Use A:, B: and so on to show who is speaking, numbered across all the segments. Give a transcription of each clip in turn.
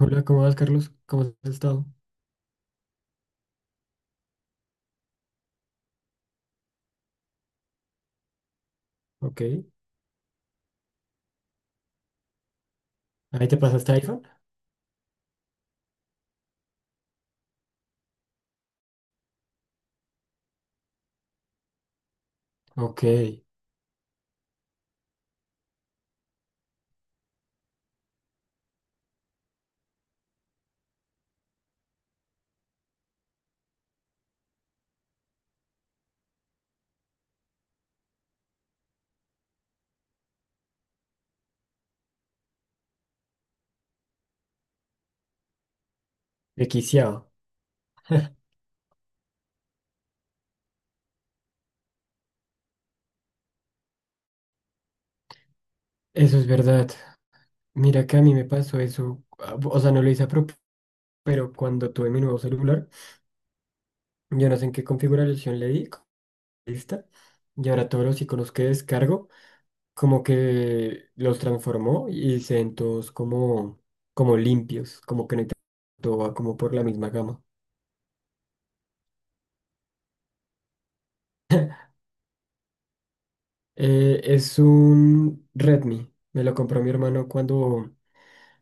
A: Hola, ¿cómo vas, Carlos? ¿Cómo has estado? Ok. ¿Ahí te pasaste iPhone? Ok. Requisiado. Eso es verdad. Mira que a mí me pasó eso. Ah, o sea, no lo hice a propósito, pero cuando tuve mi nuevo celular, yo no sé en qué configuración le di. Lista. Y ahora todos los iconos que descargo, como que los transformó y se ven todos como limpios, como que no hay tanto, todo va como por la misma gama. Es un Redmi. Me lo compró mi hermano cuando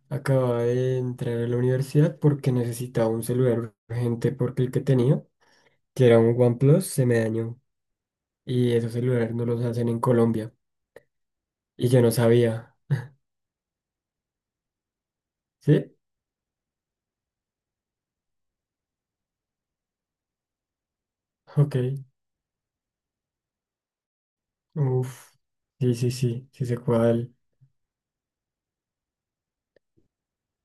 A: acababa de entrar a la universidad porque necesitaba un celular urgente porque el que tenía, que era un OnePlus, se me dañó. Y esos celulares no los hacen en Colombia. Y yo no sabía. ¿Sí? Ok. Uf. Sí, sí, sí. Sí sé cuál.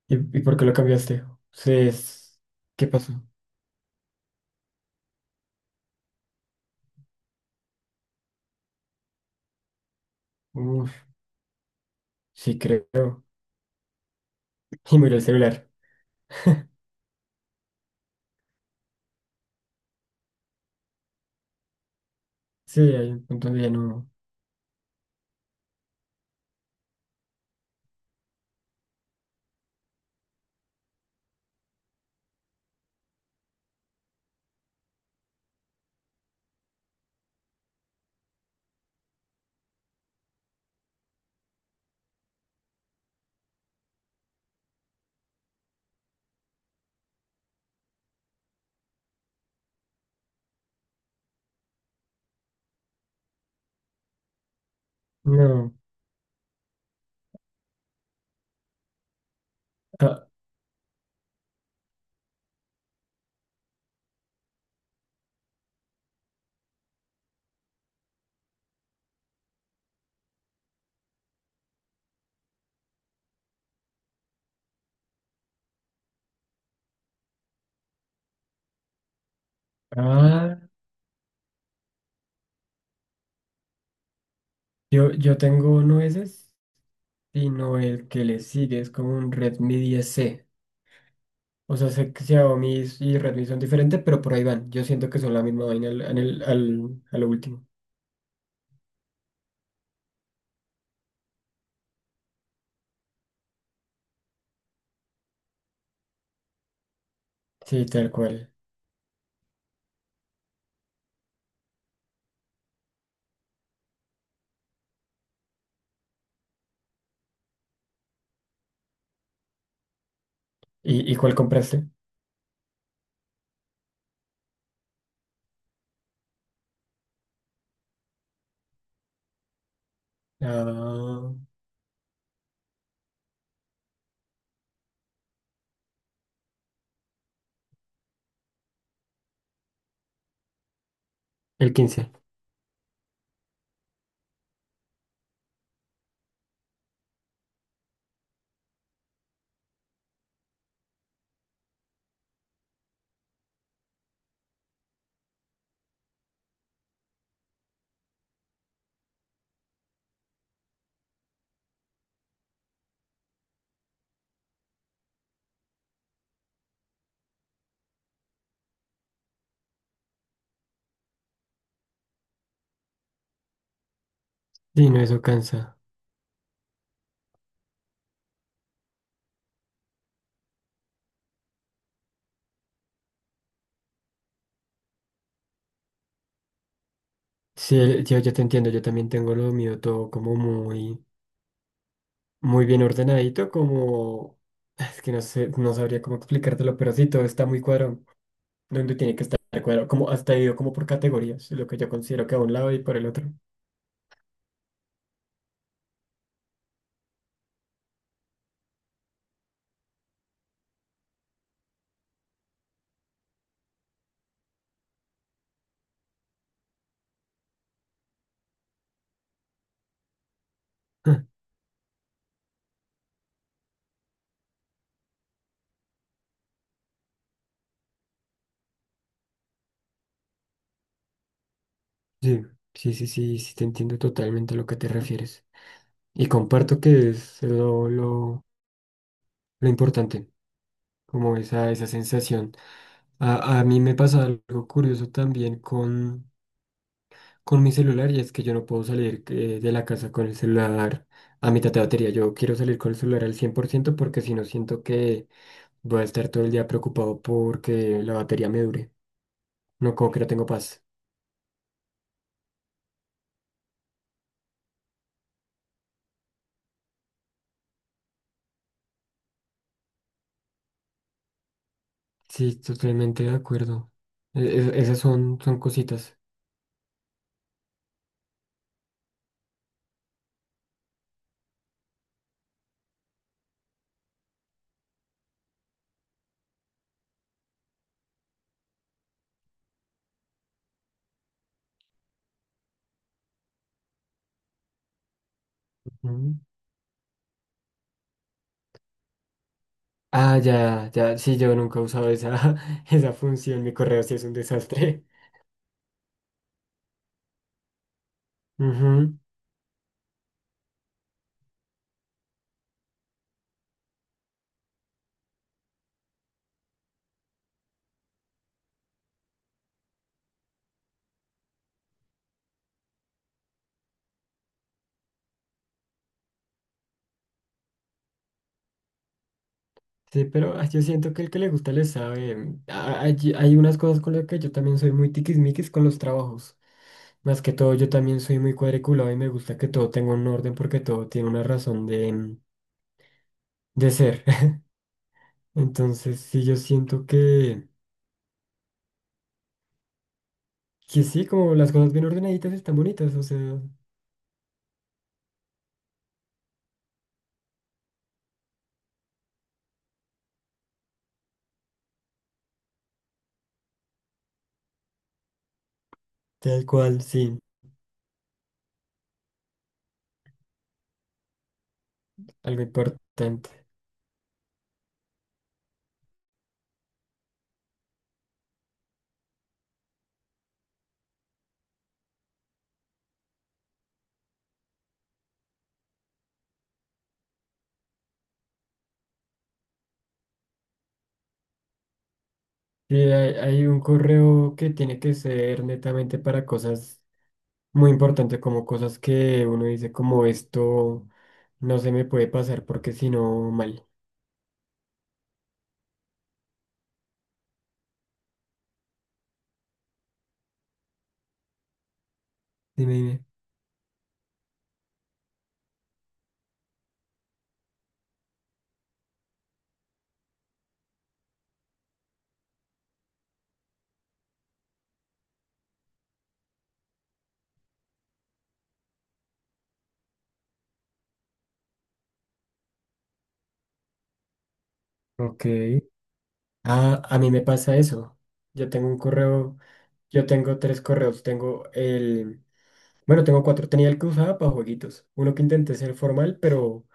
A: ¿Y por qué lo cambiaste? Sí. ¿Qué pasó? Uf. Sí, creo. Y miré el celular. Sí, hay un punto donde ya no. No. Ah, ah, yo tengo nueces. Sino el que le sigue es como un Redmi 10C. O sea, sé que Xiaomi y Redmi son diferentes, pero por ahí van. Yo siento que son la misma vaina al, en el- al- a lo último. Sí, tal cual. ¿Y cuál compraste? Ah, el 15. Sí, no, eso cansa. Sí, yo te entiendo, yo también tengo lo mío todo como muy, muy bien ordenadito, como. Es que no sé, no sabría cómo explicártelo, pero sí, todo está muy cuadrado. Donde tiene que estar cuadrado, como hasta ido como por categorías, lo que yo considero que a un lado y por el otro. Ah, sí, sí, sí, sí, sí, te entiendo totalmente a lo que te refieres. Y comparto que es lo importante, como esa sensación. A mí me pasa algo curioso también con mi celular y es que yo no puedo salir de la casa con el celular a mitad de batería. Yo quiero salir con el celular al 100% porque si no siento que voy a estar todo el día preocupado porque la batería me dure. No, como que no tengo paz. Sí, totalmente de acuerdo. E- Esas son, son cositas. Mm. Ah, ya, ya, sí, yo nunca he usado esa, esa función, mi correo sí es un desastre. Ujú. Sí, pero yo siento que el que le gusta le sabe. Ah, hay unas cosas con las que yo también soy muy tiquismiquis con los trabajos. Más que todo, yo también soy muy cuadriculado y me gusta que todo tenga un orden porque todo tiene una razón de, de ser. Entonces, sí, yo siento que, sí, como las cosas bien ordenaditas están bonitas, o sea, tal cual, sí, algo importante. Sí, hay un correo que tiene que ser netamente para cosas muy importantes, como cosas que uno dice como esto no se me puede pasar porque si no mal. Dime, dime. Ok. Ah, a mí me pasa eso. Yo tengo un correo, yo tengo tres correos. Tengo el, bueno, tengo cuatro. Tenía el que usaba para jueguitos. Uno que intenté ser formal, pero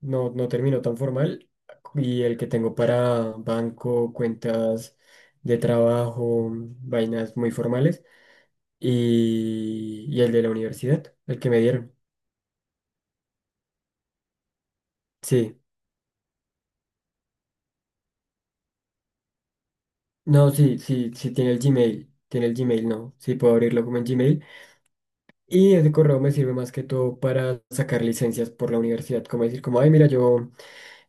A: no, no terminó tan formal y el que tengo para banco, cuentas de trabajo, vainas muy formales y el de la universidad, el que me dieron. Sí, no, sí, sí, sí tiene el Gmail, no, sí puedo abrirlo como en Gmail y ese correo me sirve más que todo para sacar licencias por la universidad, como decir, como, ay, mira, yo.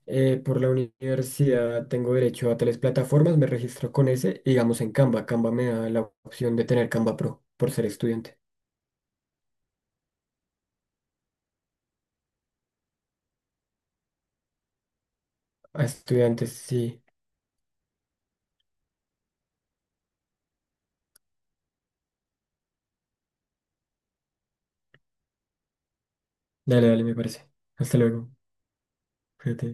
A: Por la universidad tengo derecho a tales plataformas, me registro con ese y digamos en Canva. Canva me da la opción de tener Canva Pro por ser estudiante. A estudiantes, sí. Dale, dale, me parece. Hasta luego. Fíjate.